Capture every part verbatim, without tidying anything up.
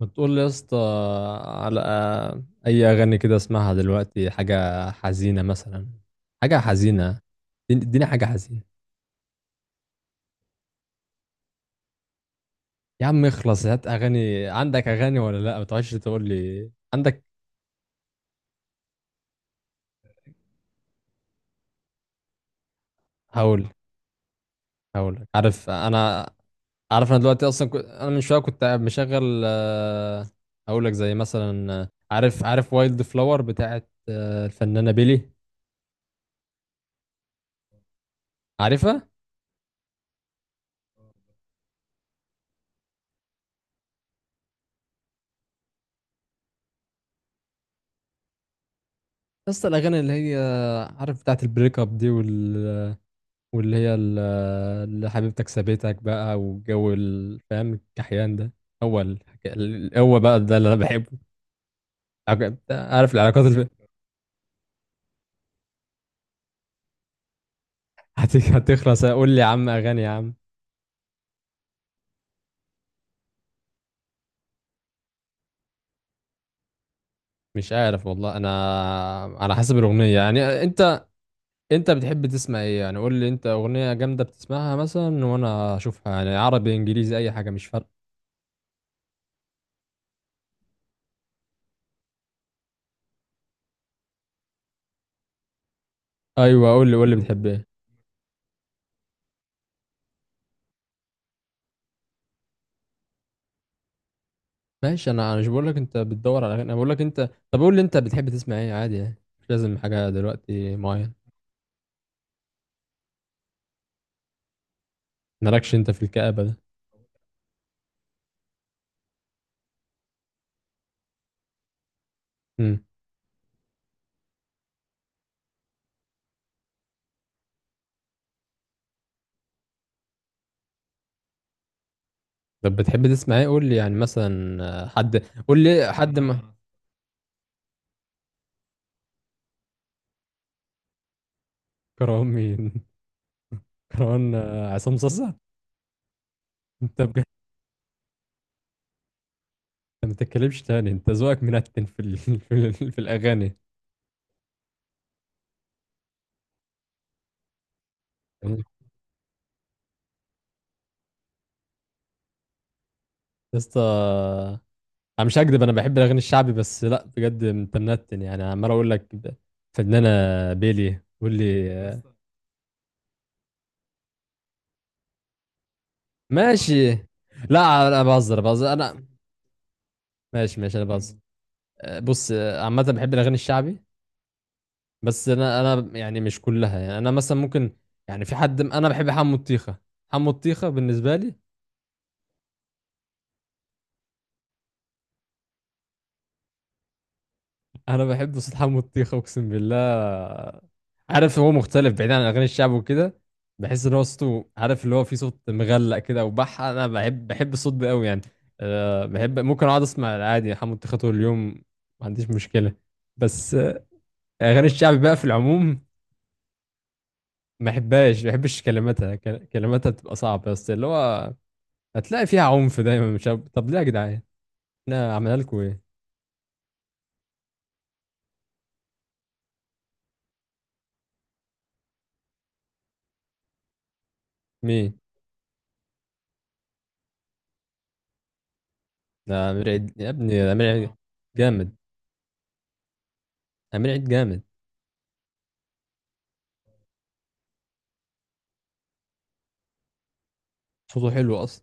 ما تقول لي يا اسطى على اي اغاني كده اسمعها دلوقتي، حاجه حزينه مثلا، حاجه حزينه. اديني اديني حاجه حزينه. يا عم اخلص، هات اغاني. عندك اغاني ولا لا؟ ما تقعدش تقول لي عندك. هقول هقول لك. عارف انا عارف انا دلوقتي اصلا كنت... انا من شويه كنت قاعد مشغل آه، هقول لك زي مثلا، آه، عارف عارف وايلد فلاور بتاعت، آه، الفنانه بيلي. عارفها؟ يا اسطى الاغاني اللي هي، عارف، بتاعت البريك اب دي، وال واللي هي ال- اللي حبيبتك سابتك بقى والجو ال- فاهم الكحيان ده. هو الحكا- ال- هو بقى ده اللي انا بحبه. عج- عارف العلاقات اللي... هت- هتخلص قول لي يا عم اغاني يا عم. مش عارف والله انا، على حسب الاغنيه يعني. انت انت بتحب تسمع ايه يعني؟ قول لي انت اغنيه جامده بتسمعها مثلا وانا اشوفها، يعني عربي انجليزي اي حاجه مش فارقه. ايوه، قول لي قول لي بتحب ايه. ماشي، انا انا مش بقول لك انت بتدور على اغاني، انا بقول لك انت طب قول لي انت بتحب تسمع ايه عادي يعني. مش لازم حاجه دلوقتي معينه. مالكش انت في الكآبة ده؟ امم طب بتحب تسمع ايه قول لي يعني مثلا، آه، حد. قول لي حد ما. كرهان مين؟ كرهان، آه، عصام صاصا؟ انت بجد؟ ما تتكلمش تاني، انت ذوقك منتن في ال... في, ال... في الاغاني. يعني يا اسطى، انا مش هكدب، انا بحب الاغاني الشعبي بس لا بجد انت منتن يعني عمال اقول لك، ده فنانة بيلي قول لي آه، ماشي، لا انا بهزر بهزر انا. ماشي ماشي انا بهزر. آه، بص، آه، عامة بحب الاغاني الشعبي، بس انا انا يعني مش كلها يعني، انا مثلا ممكن يعني في حد م- انا بحب حمو الطيخه. حمو الطيخه بالنسبه لي، انا بحب صوت حمو الطيخه اقسم بالله. عارف، هو مختلف بعيد عن اغاني الشعب وكده. بحس ان هو صوته، عارف، اللي هو في صوت مغلق كده، وبح انا بحب بحب الصوت ده قوي يعني. أه بحب، ممكن اقعد اسمع عادي حمو الطيخه طول اليوم، ما عنديش مشكله. بس، آه، اغاني الشعب بقى في العموم ما بحبهاش، ما بحبش كلماتها، كل- كلماتها بتبقى صعبه بس اللي هو هتلاقي فيها عنف دايما، مش عارف- طب ليه يا جدعان؟ احنا عملنا لكم ايه؟ مين؟ ده عمير عيد يا ابني، ده عمير عيد جامد، عمير عيد جامد، صوته حلو اصلا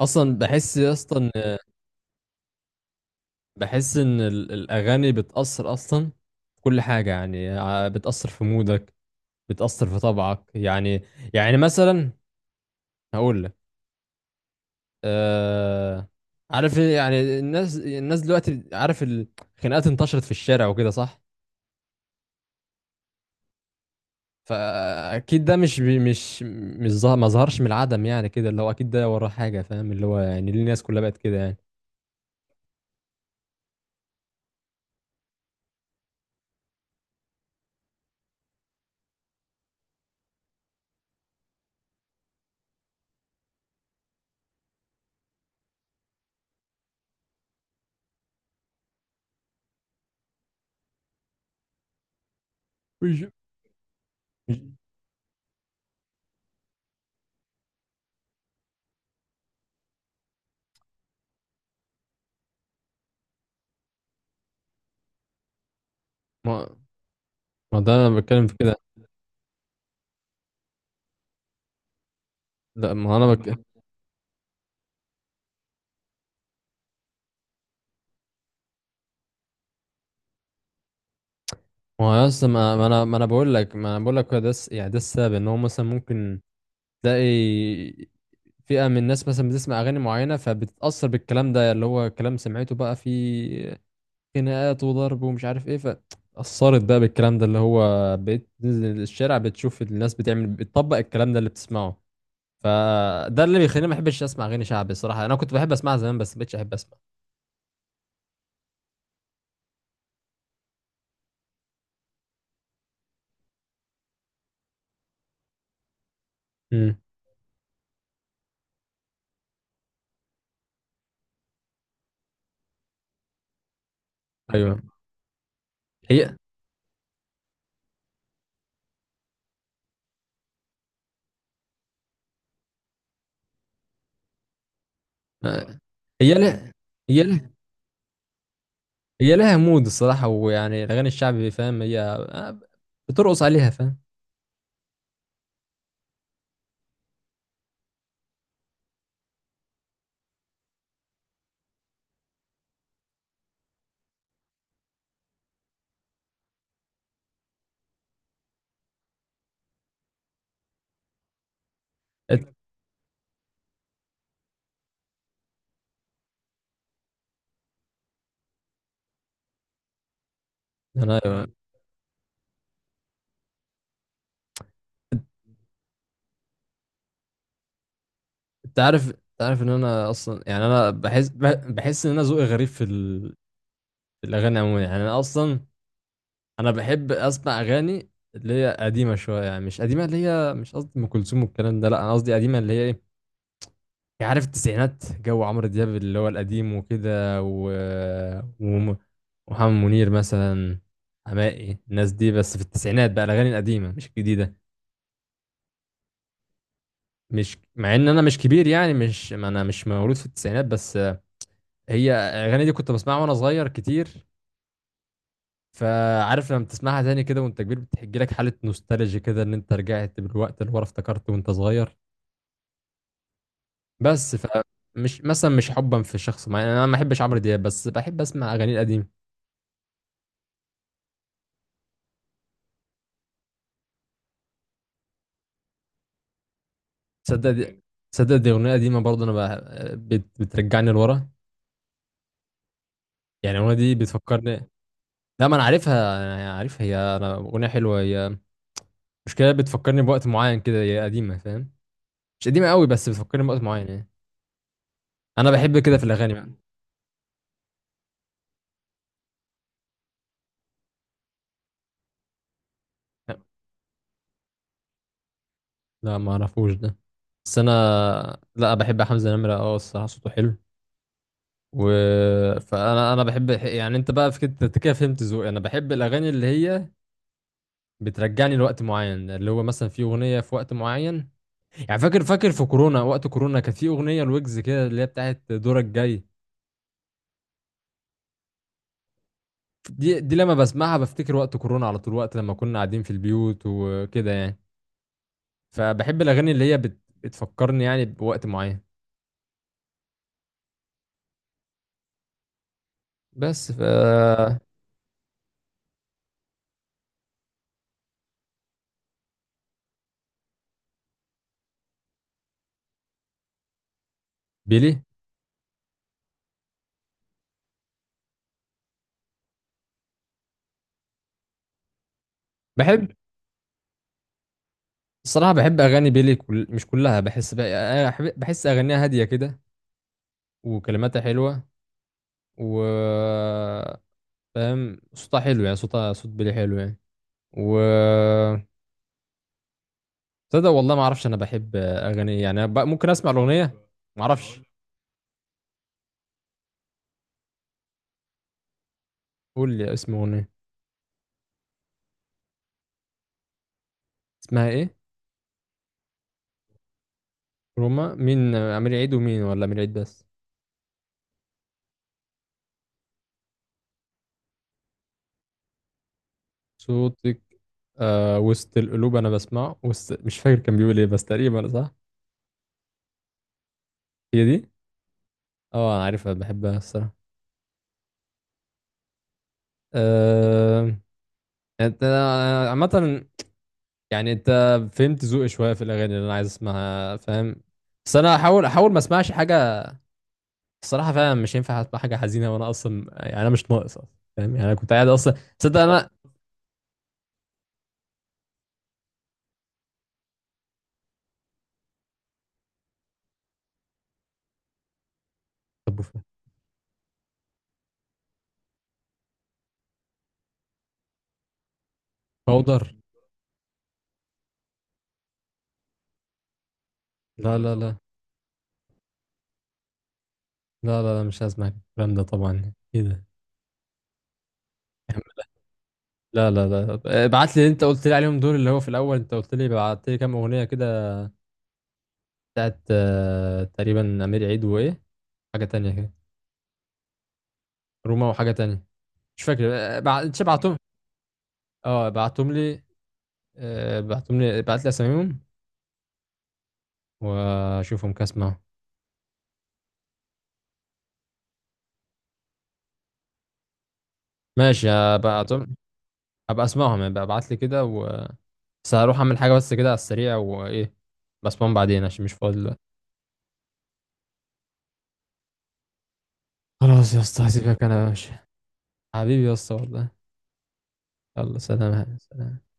اصلا بحس اصلا بحس ان ال- الاغاني بتاثر اصلا في كل حاجه يعني، ع- بتاثر في مودك، بتاثر في طبعك يعني. يعني مثلا هقول لك، آه عارف إيه؟ يعني الناس الناس دلوقتي، عارف، الخناقات انتشرت في الشارع وكده، صح؟ فاكيد ده مش بي مش مش ظهر ما ظهرش من العدم يعني كده اللي هو، اكيد ده وراه حاجه، فاهم، اللي هو يعني ليه الناس كلها بقت كده يعني. مش مش- ما ما ده انا بتكلم في كده. لا، ما انا بك... ما هو اصلا ما ما انا ما انا بقول لك ما انا بقول لك هو ده الس- يعني ده السبب ان هو مثلا ممكن تلاقي فئه من الناس مثلا بتسمع اغاني معينه فبتتاثر بالكلام ده اللي هو كلام سمعته بقى في خناقات وضرب ومش عارف ايه، فأثرت بقى بالكلام ده اللي هو بقيت تنزل الشارع بتشوف الناس بتعمل، بتطبق الكلام ده اللي بتسمعه. فده اللي بيخليني ما بحبش اسمع اغاني شعبي الصراحه، انا كنت بحب اسمعها زمان بس ما بقتش احب اسمع. امم ايوه. هي آه، هي لها هي لها هي لها مود الصراحه، ويعني الاغاني الشعبي، فاهم، هي، آه، بترقص عليها فاهم. إت- انا ايوه، انت عارف، انت عارف ان انا اصلا يعني، انا بحس بح- بحس ان انا ذوقي غريب في ال... في الاغاني عموما يعني. انا اصلا انا بحب اسمع اغاني اللي هي قديمه شويه يعني، مش قديمه اللي هي، مش قصدي ام كلثوم والكلام ده، لا انا قصدي قديمه اللي هي ايه يعني، عارف، التسعينات جو عمرو دياب اللي هو القديم وكده و... وم- ومحمد منير مثلا، حماقي، الناس دي بس في التسعينات بقى الاغاني القديمه مش الجديده. مش، مع ان انا مش كبير يعني، مش ما انا مش مولود في التسعينات، بس هي الاغاني دي كنت بسمعها وانا صغير كتير، فعارف لما بتسمعها تاني كده وانت كبير بتحجي لك حالة نوستالجيا كده، ان انت رجعت بالوقت اللي ورا افتكرته وانت صغير. بس، فمش مثلا مش حبا في شخص معين، انا ما بحبش عمرو دياب بس بحب اسمع اغاني القديمه. تصدق دي تصدق دي اغنيه قديمه برضه، انا بح- بت... بترجعني لورا، يعني الاغنيه دي بتفكرني. لا ما انا عارفها، انا عارفها هي انا اغنيه حلوه هي. مشكله، بتفكرني بوقت معين كده، هي قديمه فاهم، مش قديمه قوي بس بتفكرني بوقت معين يعني. انا بحب كده في الاغاني بقى. لا ما اعرفوش ده، بس انا لا بحب حمزة نمرة اه الصراحة صوته حلو و فانا انا بحب يعني، انت بقى في كده، أنت كده فهمت ذوقي، انا بحب الاغاني اللي هي بترجعني لوقت معين، اللي هو مثلا في اغنية في وقت معين يعني. فاكر فاكر في كورونا، وقت كورونا كانت في اغنية الويجز كده اللي هي بتاعت دورك جاي. دي دي لما بسمعها بفتكر وقت كورونا على طول، وقت لما كنا قاعدين في البيوت وكده يعني. فبحب الاغاني اللي هي بت... بتفكرني يعني بوقت معين. بس ف بيلي، بحب الصراحة بحب أغاني بيلي، كل... مش كلها، بحس بقى، أنا أحب- بحس أغانيها هادية كده وكلماتها حلوة و فاهم، صوتها حلو يعني، صوتها صوت بيلي حلو يعني و تصدق والله ما أعرفش أنا بحب أغاني إيه يعني بقى، ممكن أسمع الأغنية. ما أعرفش. قول لي اسم أغنية. اسمها إيه؟ روما مين؟ أمير عيد ومين ولا أمير عيد بس؟ صوتك. آه وسط القلوب أنا بسمعه وسط... مش فاكر كان بيقول إيه بس تقريبا صح. هي دي؟ اه أنا عارفها بحبها الصراحة. آه... انت عامة يعني، انت فهمت ذوقي شوية في الأغاني اللي أنا عايز أسمعها فاهم. بس أنا هحاول، أحاول ما أسمعش حاجة الصراحة، فعلا مش ينفع أسمع حاجة حزينة وأنا أصلا يعني، أنا مش ناقص أصلا، فاهم، يعني أنا كنت قاعد أصلا. تصدق أنا طب وف- بودر؟ لا لا لا، لا لا لا، مش هسمع الكلام ده طبعا، إيه ده. لا لا لا، ابعت لي اللي أنت قلت لي عليهم دول، اللي هو في الأول أنت قلت لي بعت لي كام أغنية كده، بتاعت، آه، تقريبا أمير عيد وإيه، حاجة تانية كده. روما وحاجة تانية مش فاكر. بعت، اه بعتهم لي، آه، بعتهم لي، بعت لي اساميهم واشوفهم كده اسمعهم. ماشي هبعتهم، هبقى اسمعهم يعني، ابعت لي كده و بس هروح اعمل حاجه بس كده على السريع، وايه، بسمعهم بعدين عشان مش فاضي دلوقتي. خلاص يا اسطى هسيبك انا يا باشا، حبيبي يا اسطى والله. يلا سلام سلام.